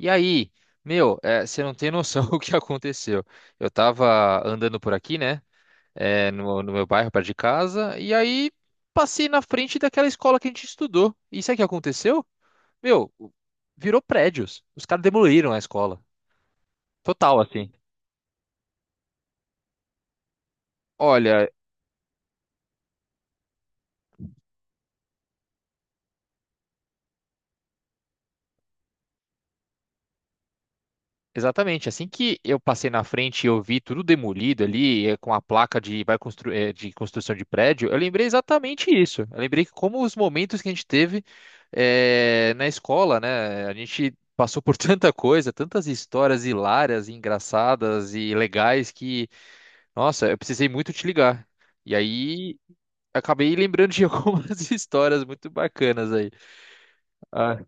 E aí, meu, você não tem noção o que aconteceu. Eu tava andando por aqui, né? No meu bairro, perto de casa, e aí passei na frente daquela escola que a gente estudou. E sabe o que aconteceu? Meu, virou prédios. Os caras demoliram a escola. Total, assim. Olha, exatamente. Assim que eu passei na frente e eu vi tudo demolido ali, com a placa de, de construção de prédio, eu lembrei exatamente isso. Eu lembrei que como os momentos que a gente teve na escola, né? A gente passou por tanta coisa, tantas histórias hilárias, e engraçadas e legais que, nossa, eu precisei muito te ligar. E aí acabei lembrando de algumas histórias muito bacanas aí. Ah,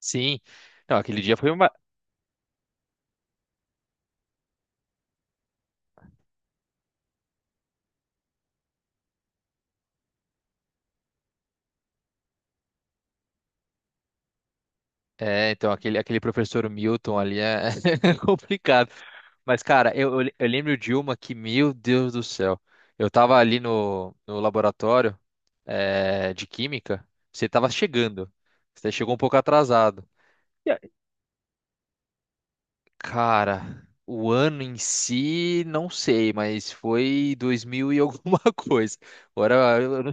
sim. Não, aquele dia foi... É, então, aquele professor Milton ali é complicado. Mas, cara, eu lembro de uma que, meu Deus do céu, eu tava ali no laboratório, de química, você tava chegando, você chegou um pouco atrasado. E aí, cara, o ano em si não sei, mas foi 2000 e alguma coisa. Agora, eu não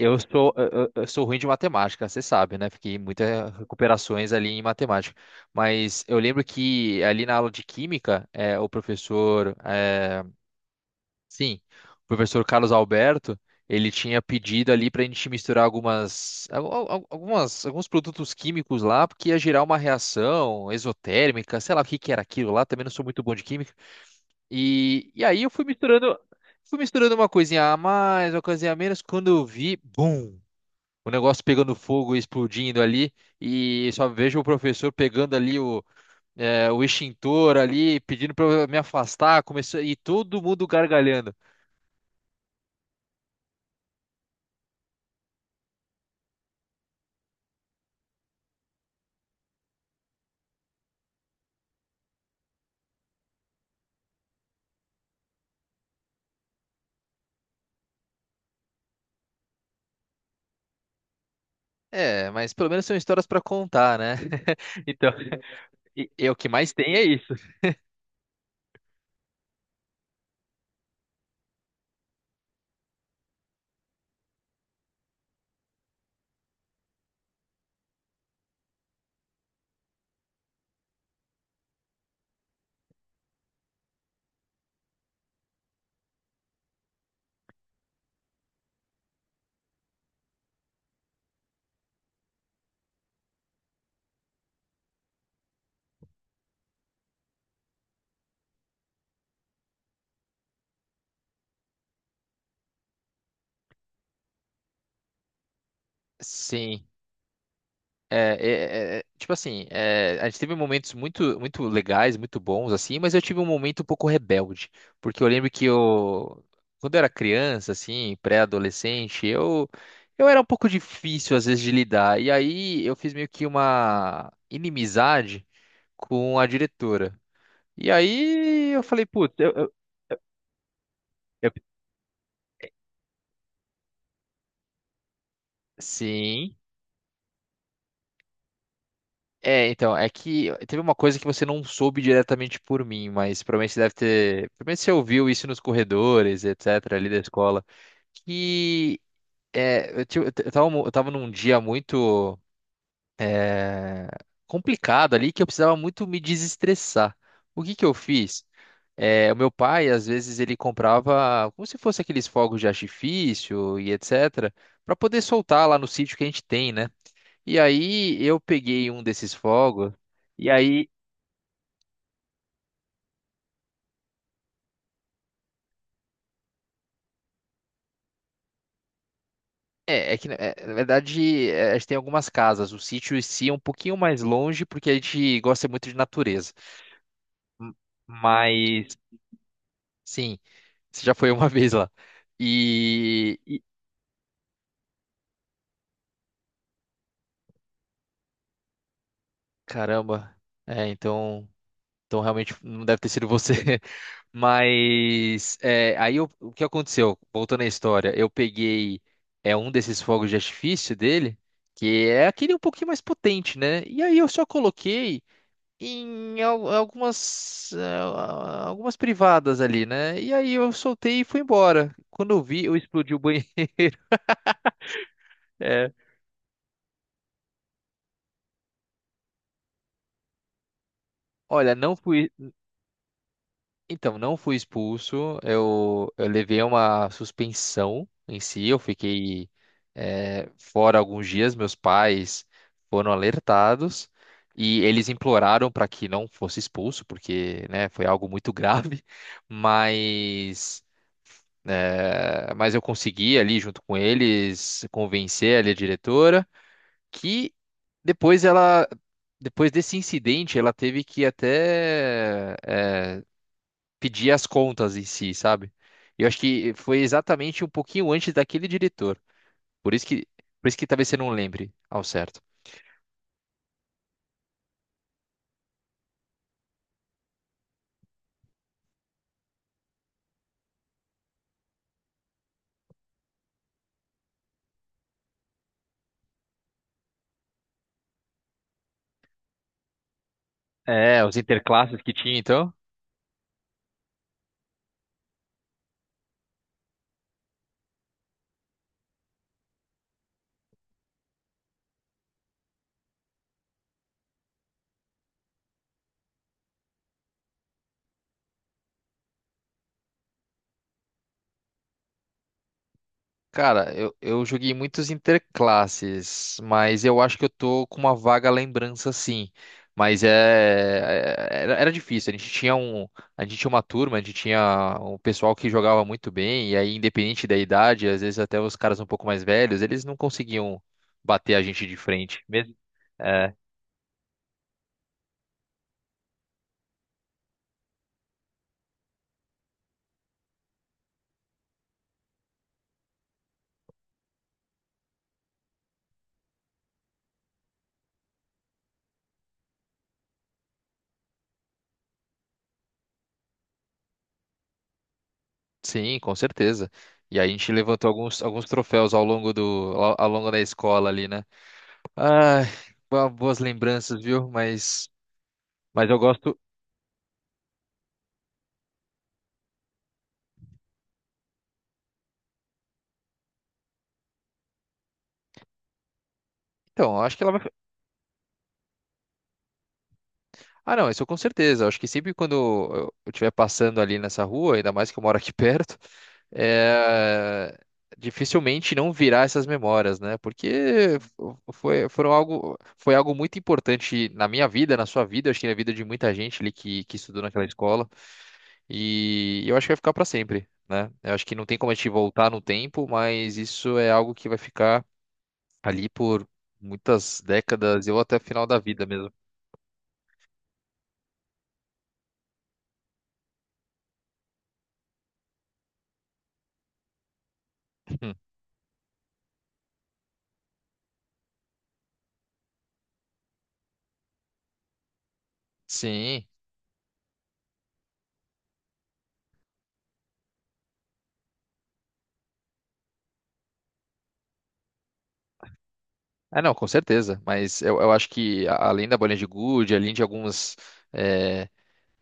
Eu sou, eu sou ruim de matemática, você sabe, né? Fiquei muitas recuperações ali em matemática. Mas eu lembro que ali na aula de química, o professor, sim, o professor Carlos Alberto, ele tinha pedido ali para a gente misturar algumas, alguns produtos químicos lá, porque ia gerar uma reação exotérmica, sei lá o que que era aquilo lá, também não sou muito bom de química. E aí eu fui misturando uma coisinha a mais, uma coisinha a menos, quando eu vi, bum! O negócio pegando fogo e explodindo ali, e só vejo o professor pegando ali o extintor ali, pedindo para eu me afastar, começou, e todo mundo gargalhando. É, mas pelo menos são histórias para contar, né? Então, e o que mais tem é isso. Sim. É, tipo assim, a gente teve momentos muito, muito legais, muito bons, assim, mas eu tive um momento um pouco rebelde, porque eu lembro que eu, quando eu era criança, assim, pré-adolescente, eu era um pouco difícil, às vezes, de lidar, e aí eu fiz meio que uma inimizade com a diretora, e aí eu falei, putz, eu... Sim. É, então, é que teve uma coisa que você não soube diretamente por mim, mas provavelmente você deve ter. Provavelmente você ouviu isso nos corredores, etc., ali da escola. Que eu tava, eu tava num dia muito é, complicado ali que eu precisava muito me desestressar. O que que eu fiz? É, o meu pai, às vezes, ele comprava como se fosse aqueles fogos de artifício e etc., para poder soltar lá no sítio que a gente tem, né? E aí eu peguei um desses fogos. E aí... É, é que na verdade, a gente tem algumas casas. O sítio em si é um pouquinho mais longe porque a gente gosta muito de natureza. M- Mas sim, você já foi uma vez lá. E, e- Caramba. Então, realmente não deve ter sido você. Mas, aí o que aconteceu? Voltando à história, eu peguei um desses fogos de artifício dele. Que é aquele um pouquinho mais potente, né? E aí eu só coloquei em algumas privadas ali, né? E aí eu soltei e fui embora. Quando eu vi, eu explodi o banheiro. É. Olha, não fui. Então, não fui expulso. Eu levei uma suspensão em si. Eu fiquei fora alguns dias. Meus pais foram alertados e eles imploraram para que não fosse expulso, porque, né, foi algo muito grave. Mas... É, mas eu consegui ali, junto com eles, convencer ali a diretora que... depois ela, depois desse incidente, ela teve que até, pedir as contas em si, sabe? Eu acho que foi exatamente um pouquinho antes daquele diretor. Por isso que, por isso que talvez você não lembre ao certo. É, os interclasses que tinha, então. Cara, eu joguei muitos interclasses, mas eu acho que eu tô com uma vaga lembrança, sim. Mas era difícil. A gente tinha uma turma, a gente tinha um pessoal que jogava muito bem, e aí, independente da idade, às vezes até os caras um pouco mais velhos, eles não conseguiam bater a gente de frente. Mesmo, é, sim, com certeza. E aí a gente levantou alguns troféus ao longo ao longo da escola ali, né? Ai, boas lembranças, viu? Mas eu gosto. Então, eu acho que ela vai. Ah, não, isso com certeza. Eu acho que sempre quando eu estiver passando ali nessa rua, ainda mais que eu moro aqui perto, é... dificilmente não virar essas memórias, né? Porque foi algo muito importante na minha vida, na sua vida, acho que na vida de muita gente ali que estudou naquela escola. E eu acho que vai ficar para sempre, né? Eu acho que não tem como a gente voltar no tempo, mas isso é algo que vai ficar ali por muitas décadas, ou até o final da vida mesmo. Sim. É, não, com certeza. Mas eu acho que além da bolinha de gude, além de alguns. é,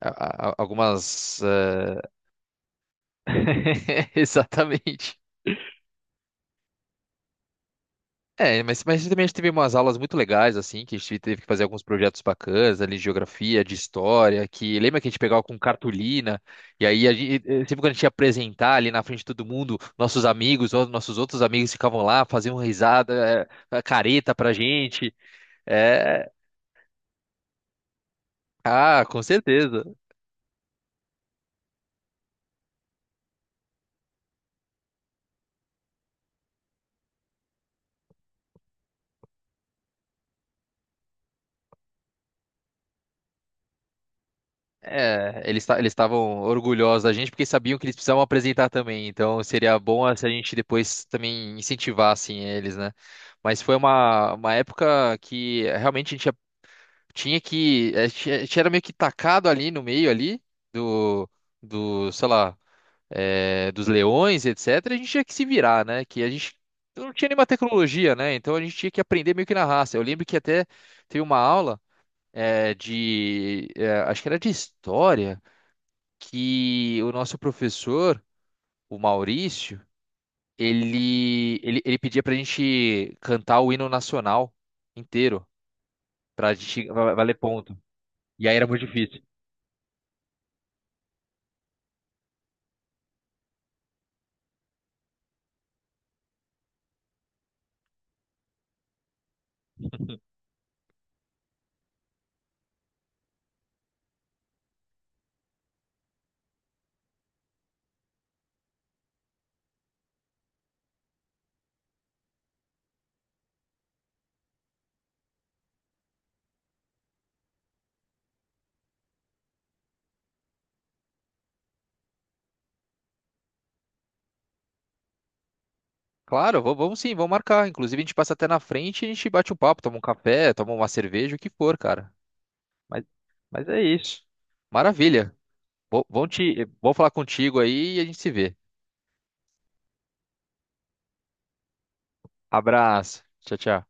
Algumas. Exatamente. É, mas também a gente teve umas aulas muito legais, assim, que a gente teve que fazer alguns projetos bacanas ali, de geografia, de história, que lembra que a gente pegava com cartolina, e aí a gente, sempre quando a gente ia apresentar ali na frente de todo mundo, nossos amigos, ou nossos outros amigos ficavam lá, faziam risada, careta pra gente. É, ah, com certeza. É, eles eles estavam orgulhosos da gente porque sabiam que eles precisavam apresentar também. Então seria bom se a gente depois também incentivasse eles, né? Mas foi uma época que realmente a gente era meio que tacado ali no meio ali do do, sei lá, dos leões, etc. A gente tinha que se virar, né? Que a gente não tinha nenhuma tecnologia, né? Então a gente tinha que aprender meio que na raça. Eu lembro que até teve uma aula, de, acho que era de história, que o nosso professor, o Maurício, ele pedia pra gente cantar o hino nacional inteiro, pra gente valer ponto. E aí era muito difícil. Claro, vamos sim, vamos marcar. Inclusive, a gente passa até na frente e a gente bate um papo, toma um café, toma uma cerveja, o que for, cara. Mas, mas é isso. Maravilha. Vou falar contigo aí e a gente se vê. Abraço. Tchau, tchau.